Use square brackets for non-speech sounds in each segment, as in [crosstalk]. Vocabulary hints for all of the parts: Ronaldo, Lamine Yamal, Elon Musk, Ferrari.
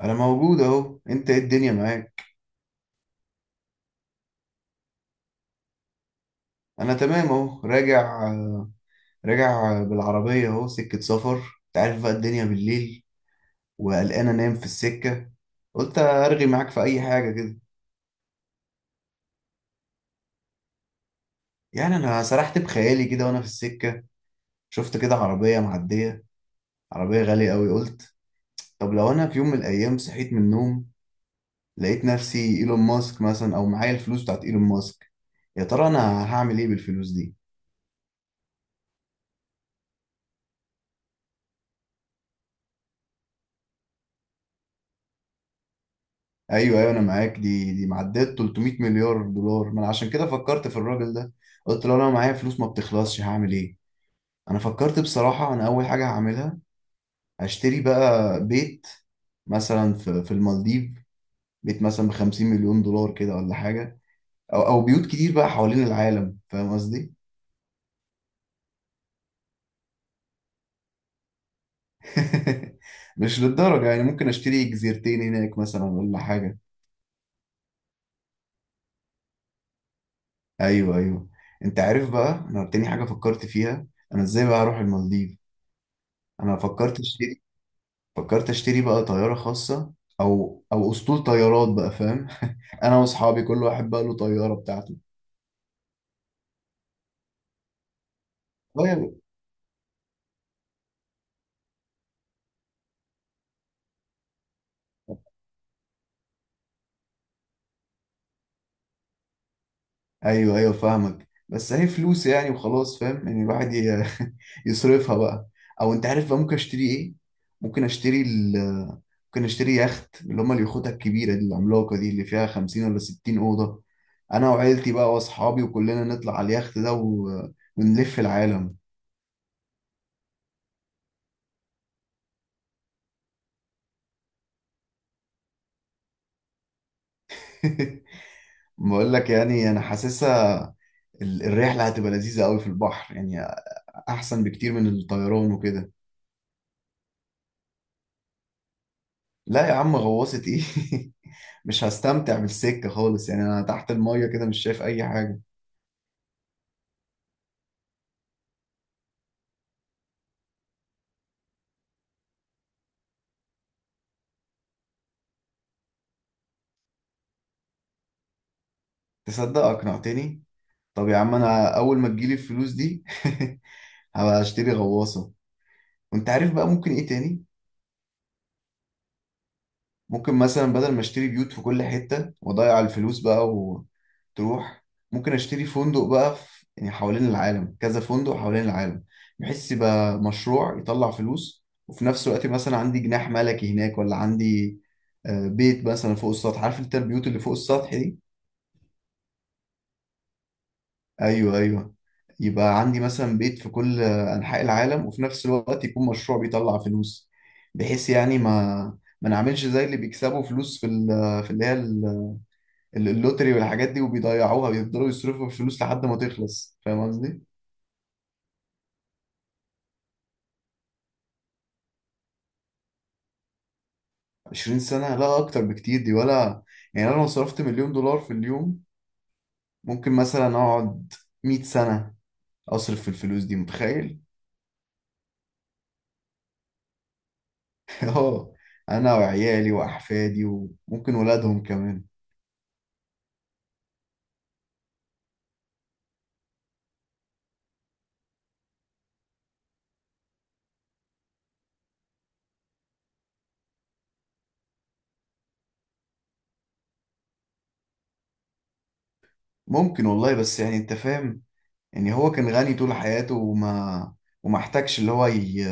انا موجود اهو. انت ايه الدنيا معاك؟ انا تمام اهو راجع. راجع بالعربيه اهو، سكه سفر. انت عارف بقى الدنيا بالليل، وقلقان انام في السكه، قلت ارغي معاك في اي حاجه كده. يعني انا سرحت بخيالي كده وانا في السكه، شفت كده عربيه معديه، عربيه غاليه قوي. قلت طب لو انا في يوم من الايام صحيت من النوم لقيت نفسي ايلون ماسك مثلا، او معايا الفلوس بتاعت ايلون ماسك، يا ترى انا هعمل ايه بالفلوس دي؟ ايوه ايوه انا معاك، دي معدات 300 مليار دولار. ما انا عشان كده فكرت في الراجل ده، قلت له انا معايا فلوس ما بتخلصش هعمل ايه؟ انا فكرت بصراحه، انا اول حاجه هعملها هشتري بقى بيت، مثلا في المالديف، بيت مثلا ب 50 مليون دولار كده ولا حاجه، او بيوت كتير بقى حوالين العالم، فاهم قصدي؟ [laughs] مش للدرجه يعني، ممكن اشتري جزيرتين هناك مثلا ولا حاجه. ايوه ايوه. انت عارف بقى انا تاني حاجه فكرت فيها؟ انا ازاي بقى هروح المالديف؟ انا فكرت اشتري بقى طيارة خاصة، او اسطول طيارات بقى، فاهم؟ [laughs] انا واصحابي كل واحد بقى له طيارة بتاعته. طيب، ايوه ايوه فاهمك، بس هي فلوس يعني وخلاص، فاهم ان الواحد [laughs] يصرفها بقى. او انت عارف بقى ممكن اشتري ايه؟ ممكن اشتري ال ممكن اشتري يخت، اللي هما اليخوت الكبيرة دي العملاقة دي اللي فيها 50 ولا 60 أوضة، انا وعيلتي بقى واصحابي وكلنا نطلع على اليخت ده ونلف العالم. [laughs] بقول لك يعني انا حاسسها، الرحله هتبقى لذيذه قوي في البحر يعني، احسن بكتير من الطيران وكده. لا يا عم، غواصه ايه؟ [laughs] مش هستمتع بالسكه خالص يعني، انا تحت الميه كده مش شايف اي حاجه. تصدق اقنعتني. طب يا عم انا اول ما تجيلي الفلوس دي [laughs] هبقى اشتري غواصه. وانت عارف بقى ممكن ايه تاني؟ ممكن مثلا بدل ما اشتري بيوت في كل حتة واضيع الفلوس بقى وتروح، ممكن اشتري فندق بقى في يعني حوالين العالم، كذا فندق حوالين العالم، بحيث يبقى مشروع يطلع فلوس وفي نفس الوقت مثلا عندي جناح ملكي هناك، ولا عندي بيت مثلا فوق السطح، عارف انت البيوت اللي فوق السطح دي؟ ايوه ايوه. يبقى عندي مثلا بيت في كل انحاء العالم، وفي نفس الوقت يكون مشروع بيطلع فلوس، بحيث يعني ما نعملش زي اللي بيكسبوا فلوس في في اللي هي اللوتري والحاجات دي وبيضيعوها، بيفضلوا يصرفوا في الفلوس لحد ما تخلص، فاهم قصدي؟ 20 سنة؟ لا اكتر بكتير دي، ولا يعني انا لو صرفت مليون دولار في اليوم ممكن مثلا اقعد 100 سنة اصرف في الفلوس دي، متخيل؟ [laughs] اه، انا وعيالي واحفادي وممكن ولادهم كمان. ممكن والله، بس يعني انت فاهم، يعني هو كان غني طول حياته وما احتاجش اللي هو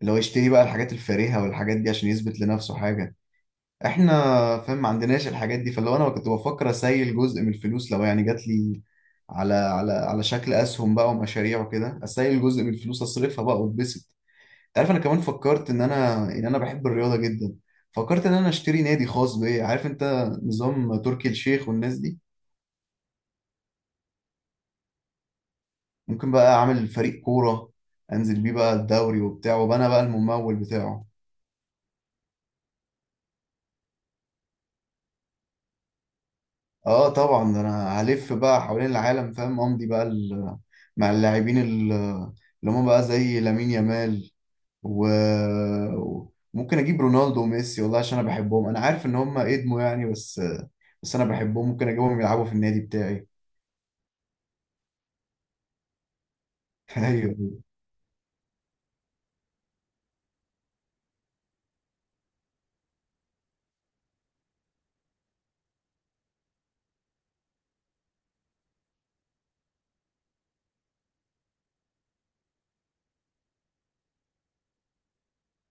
اللي هو يشتري بقى الحاجات الفارهة والحاجات دي عشان يثبت لنفسه حاجة. احنا فاهم ما عندناش الحاجات دي، فلو انا كنت بفكر اسيل جزء من الفلوس لو يعني جات لي على شكل اسهم بقى ومشاريع وكده، اسيل جزء من الفلوس اصرفها بقى واتبسط. انت عارف انا كمان فكرت ان انا بحب الرياضه جدا، فكرت ان انا اشتري نادي خاص بيا، عارف انت نظام تركي الشيخ والناس دي؟ ممكن بقى اعمل فريق كوره، انزل بيه بقى الدوري وبتاع، وابقى انا بقى الممول بتاعه. اه طبعا، ده انا هلف بقى حوالين العالم فاهم، امضي بقى مع اللاعبين اللي هم بقى زي لامين يامال و- وممكن اجيب رونالدو وميسي والله، عشان انا بحبهم، انا عارف ان هم ادموا يعني بس، بس انا بحبهم، ممكن اجيبهم يلعبوا في النادي بتاعي. [laughs] ايوه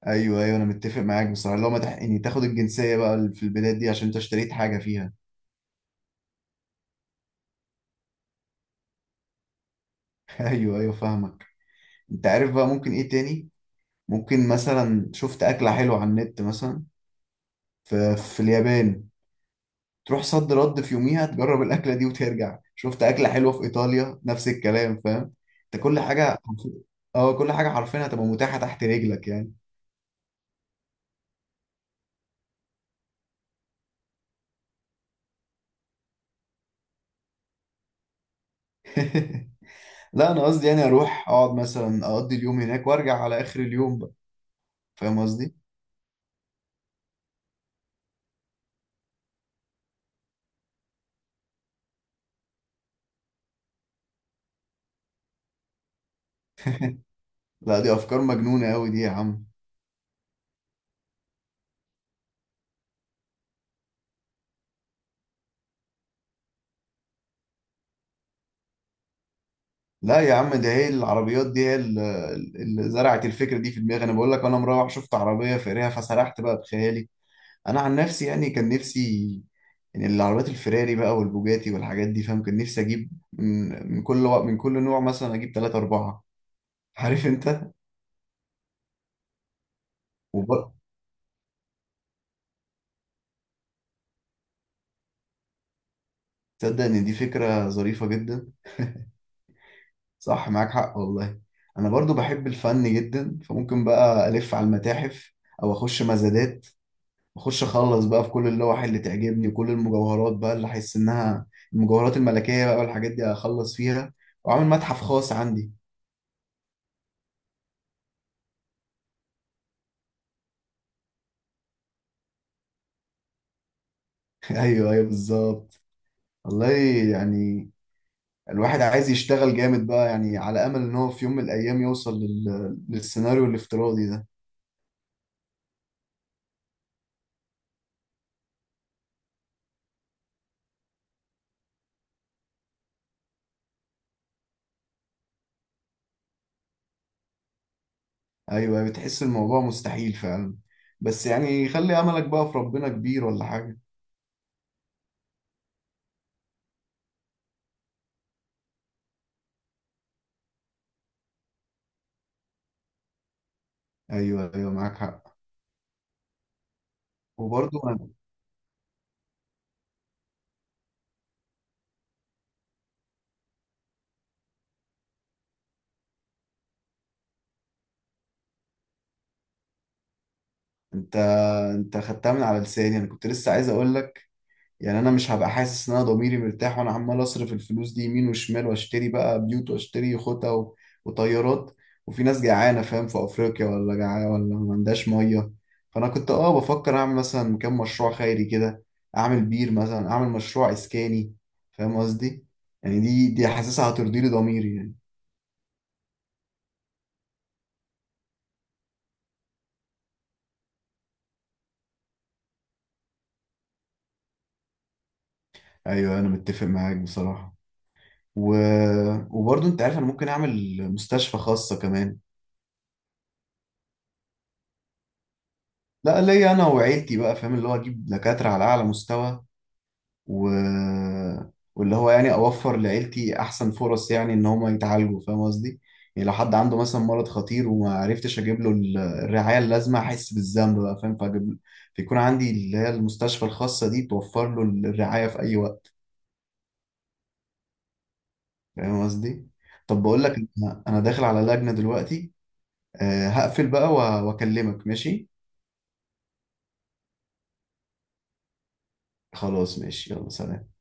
ايوه. ايوه انا متفق معاك بصراحه، لو ما تحقني تاخد الجنسيه بقى في البلاد دي عشان انت اشتريت حاجه فيها. [laughs] ايوه ايوه فاهمك. انت عارف بقى ممكن ايه تاني؟ ممكن مثلا شفت اكله حلوه على النت مثلا في اليابان، تروح صد رد في يوميها تجرب الاكله دي وترجع، شفت اكله حلوه في ايطاليا نفس الكلام فاهم، انت كل حاجه، اه كل حاجه حرفيا هتبقى متاحه تحت رجلك يعني. [laughs] لا انا قصدي يعني اروح اقعد مثلا اقضي اليوم هناك وارجع على اخر اليوم بقى، فاهم قصدي؟ لا دي افكار مجنونه قوي دي يا عم. لا يا عم ده هي العربيات دي هي اللي زرعت الفكره دي في دماغي، انا بقول لك انا مروح شفت عربيه فقريها فسرحت بقى بخيالي. انا عن نفسي يعني كان نفسي يعني العربيات الفراري بقى والبوجاتي والحاجات دي فاهم، كان نفسي اجيب من كل من كل نوع، مثلا اجيب ثلاثة أربعة. [laughs] عارف انت، وبرضه تصدق ان دي فكرة ظريفة جدا، صح معاك حق والله. انا برضو بحب الفن جدا، فممكن بقى الف على المتاحف او اخش مزادات، اخش اخلص بقى في كل اللوح اللي تعجبني وكل المجوهرات بقى اللي احس انها المجوهرات الملكية بقى والحاجات دي، اخلص فيها واعمل متحف خاص عندي. [laughs] ايوه ايوه بالظبط. والله يعني الواحد عايز يشتغل جامد بقى يعني على امل ان هو في يوم من الايام يوصل للسيناريو الافتراضي ده. ايوه بتحس الموضوع مستحيل فعلا، بس يعني خلي املك بقى في ربنا كبير ولا حاجه. ايوه ايوه معاك حق. وبرضه أنا- انت انت خدتها من على لساني، انا كنت لسه عايز اقول لك يعني انا مش هبقى حاسس ان انا ضميري مرتاح وانا عمال اصرف الفلوس دي يمين وشمال، واشتري بقى بيوت واشتري خطة وطيارات، وفي ناس جعانة فاهم في افريقيا ولا جعانة ولا ما عندهاش مية، فانا كنت اه بفكر اعمل مثلا كام مشروع خيري كده، اعمل بير مثلا، اعمل مشروع اسكاني فاهم قصدي؟ يعني دي حاسسها هترضي لي ضميري يعني. ايوه انا متفق معاك بصراحة و... وبرضه انت عارف انا ممكن اعمل مستشفى خاصة كمان. لا ليا انا وعيلتي بقى فاهم، اللي هو اجيب دكاترة على اعلى مستوى و... واللي هو يعني اوفر لعيلتي احسن فرص يعني ان هم يتعالجوا فاهم قصدي. يعني لو حد عنده مثلا مرض خطير وما عرفتش اجيب له الرعايه اللازمه، احس بالذنب بقى فاهم، فاجيب له، فيكون عندي اللي هي المستشفى الخاصه دي توفر له الرعايه في اي وقت فاهم قصدي. طب بقول لك انا داخل على لجنه دلوقتي، هقفل بقى واكلمك ماشي؟ خلاص ماشي يلا سلام.